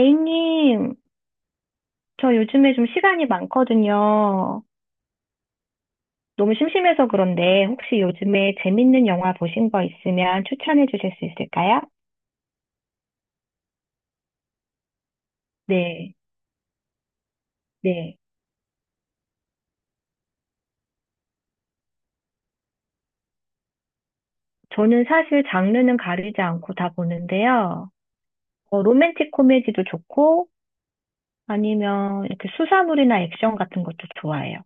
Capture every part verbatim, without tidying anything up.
A님, 저 요즘에 좀 시간이 많거든요. 너무 심심해서 그런데 혹시 요즘에 재밌는 영화 보신 거 있으면 추천해 주실 수 있을까요? 네, 네. 저는 사실 장르는 가리지 않고 다 보는데요. 어, 로맨틱 코미디도 좋고 아니면 이렇게 수사물이나 액션 같은 것도 좋아해요.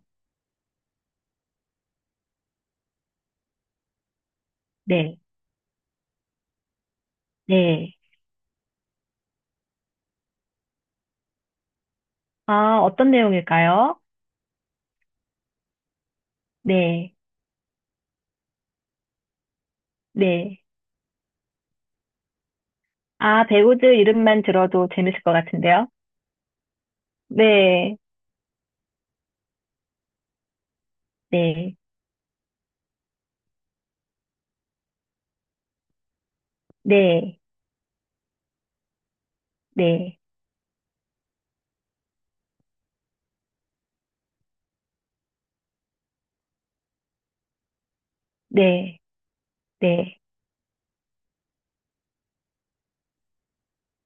네, 네. 아, 어떤 내용일까요? 네, 네. 아, 배우들 이름만 들어도 재밌을 것 같은데요? 네, 네, 네. 네, 네, 네,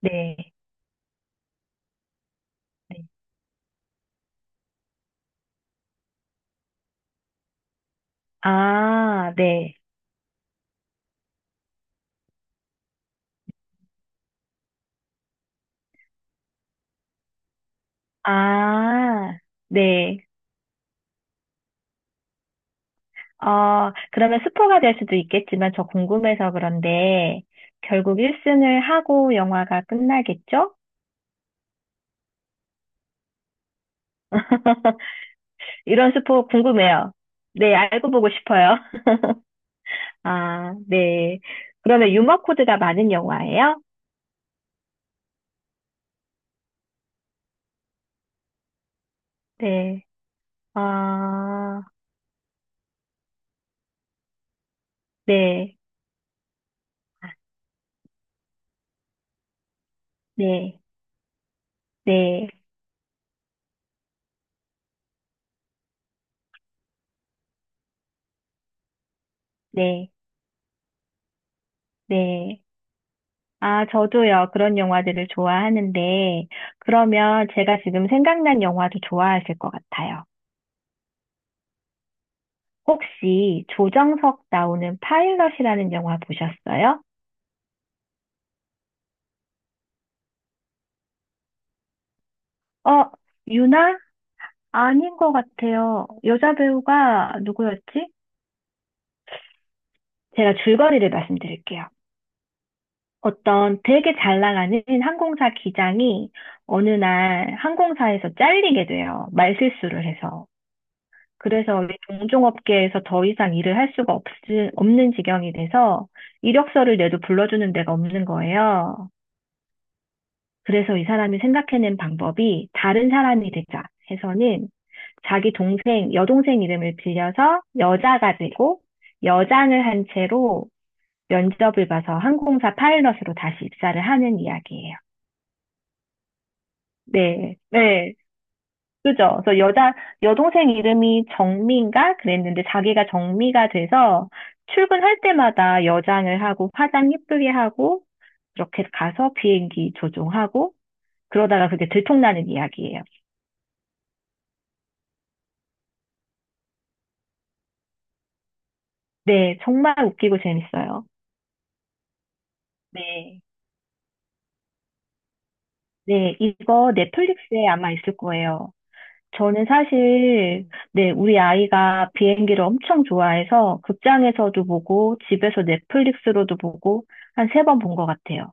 네, 네. 아, 네. 아, 네. 어, 그러면 스포가 될 수도 있겠지만 저 궁금해서 그런데 결국 일 승을 하고 영화가 끝나겠죠? 이런 스포 궁금해요. 네, 알고 보고 싶어요. 아, 네. 그러면 유머 코드가 많은 영화예요? 네. 어, 네. 아, 네. 네. 네. 네. 아, 저도요. 그런 영화들을 좋아하는데, 그러면 제가 지금 생각난 영화도 좋아하실 것 같아요. 혹시 조정석 나오는 파일럿이라는 영화 보셨어요? 어, 유나? 아닌 것 같아요. 여자 배우가 누구였지? 제가 줄거리를 말씀드릴게요. 어떤 되게 잘 나가는 항공사 기장이 어느 날 항공사에서 잘리게 돼요. 말실수를 해서. 그래서 왜 동종업계에서 더 이상 일을 할 수가 없, 없는 지경이 돼서 이력서를 내도 불러주는 데가 없는 거예요. 그래서 이 사람이 생각해낸 방법이 다른 사람이 되자 해서는 자기 동생, 여동생 이름을 빌려서 여자가 되고 여장을 한 채로 면접을 봐서 항공사 파일럿으로 다시 입사를 하는 이야기예요. 네, 네. 그죠? 그래서 여자, 여동생 이름이 정미인가? 그랬는데 자기가 정미가 돼서 출근할 때마다 여장을 하고 화장 예쁘게 하고 그렇게 가서 비행기 조종하고 그러다가 그게 들통나는 이야기예요. 네, 정말 웃기고 재밌어요. 네. 네, 이거 넷플릭스에 아마 있을 거예요. 저는 사실, 네, 우리 아이가 비행기를 엄청 좋아해서 극장에서도 보고 집에서 넷플릭스로도 보고 한 세 번 본 것 같아요.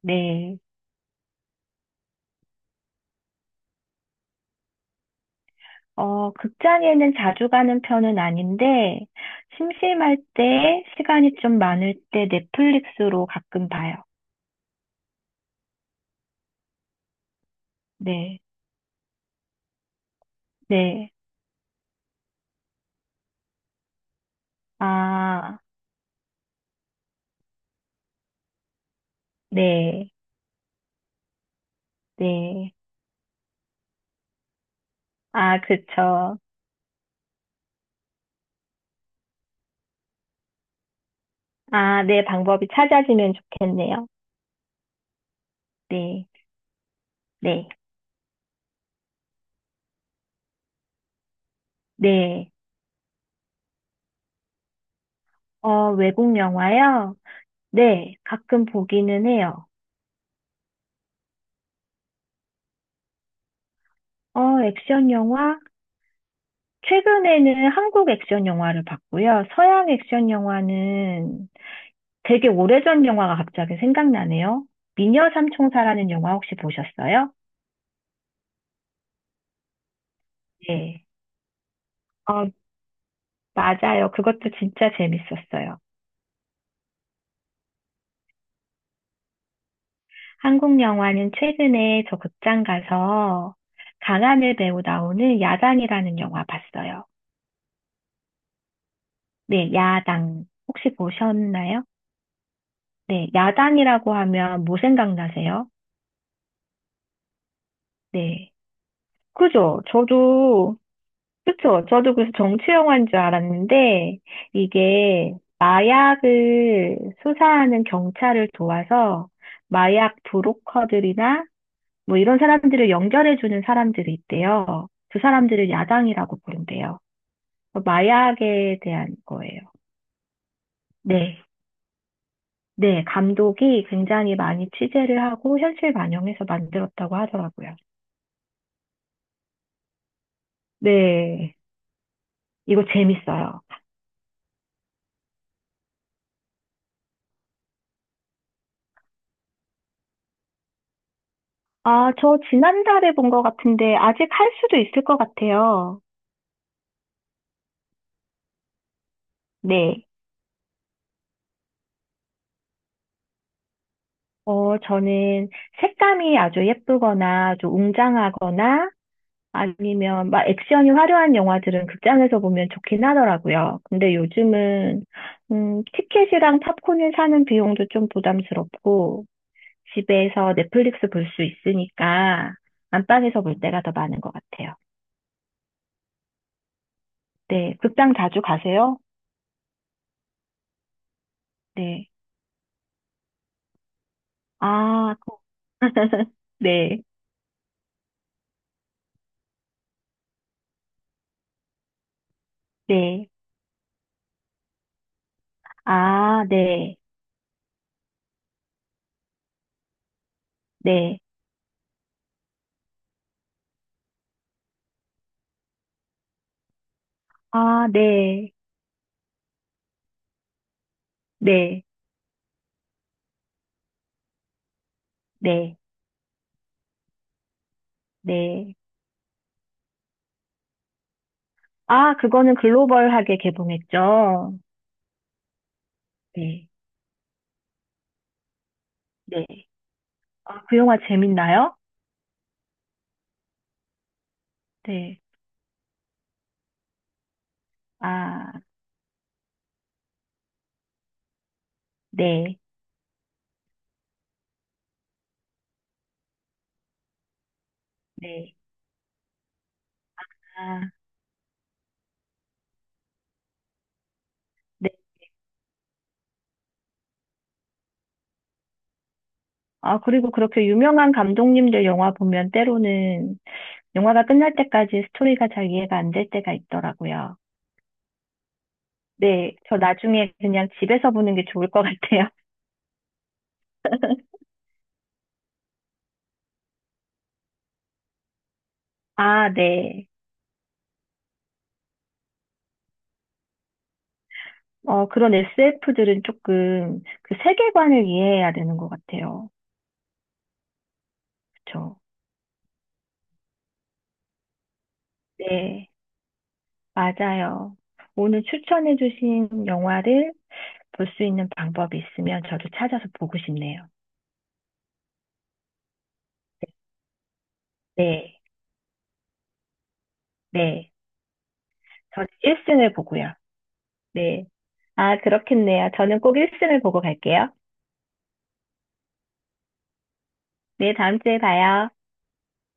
네. 어, 극장에는 자주 가는 편은 아닌데, 심심할 때, 시간이 좀 많을 때 넷플릭스로 가끔 봐요. 네, 네. 아, 네, 네. 아, 그쵸. 아, 네, 방법이 찾아지면 좋겠네요. 네, 네, 네. 어, 외국 영화요? 네, 가끔 보기는 해요. 어, 액션 영화? 최근에는 한국 액션 영화를 봤고요. 서양 액션 영화는 되게 오래전 영화가 갑자기 생각나네요. 미녀 삼총사라는 영화 혹시 보셨어요? 네. 어, 맞아요. 그것도 진짜 재밌었어요. 한국 영화는 최근에 저 극장 가서 강하늘 배우 나오는 야당이라는 영화 봤어요. 네, 야당. 혹시 보셨나요? 네, 야당이라고 하면 뭐 생각나세요? 네. 그죠? 저도 그쵸. 저도 그래서 정치 영화인 줄 알았는데, 이게 마약을 수사하는 경찰을 도와서 마약 브로커들이나 뭐 이런 사람들을 연결해주는 사람들이 있대요. 그 사람들을 야당이라고 부른대요. 어, 마약에 대한 거예요. 네. 네. 감독이 굉장히 많이 취재를 하고 현실 반영해서 만들었다고 하더라고요. 네. 이거 재밌어요. 아, 저 지난달에 본 것 같은데 아직 할 수도 있을 것 같아요. 네. 어, 저는 색감이 아주 예쁘거나 좀 웅장하거나 아니면 막 액션이 화려한 영화들은 극장에서 보면 좋긴 하더라고요. 근데 요즘은 음, 티켓이랑 팝콘을 사는 비용도 좀 부담스럽고 집에서 넷플릭스 볼 수 있으니까 안방에서 볼 때가 더 많은 것 같아요. 네. 극장 자주 가세요? 네. 아, 네. 네. 아, 네. 네. 아, 네. 네. 네, 네. 아, 그거는 글로벌하게 개봉했죠. 네, 네. 아, 그 영화 재밌나요? 네. 아, 네, 네. 아, 네. 아, 그리고 그렇게 유명한 감독님들 영화 보면 때로는 영화가 끝날 때까지 스토리가 잘 이해가 안 될 때가 있더라고요. 네, 저 나중에 그냥 집에서 보는 게 좋을 것 같아요. 아, 네. 어, 그런 에스에프들은 조금 그 세계관을 이해해야 되는 것 같아요. 그렇죠. 맞아요. 오늘 추천해주신 영화를 볼 수 있는 방법이 있으면 저도 찾아서 보고 싶네요. 네, 네. 저는 일 승을 보고요. 네. 아, 그렇겠네요. 저는 꼭 일 승을 보고 갈게요. 네, 다음 주에 봐요.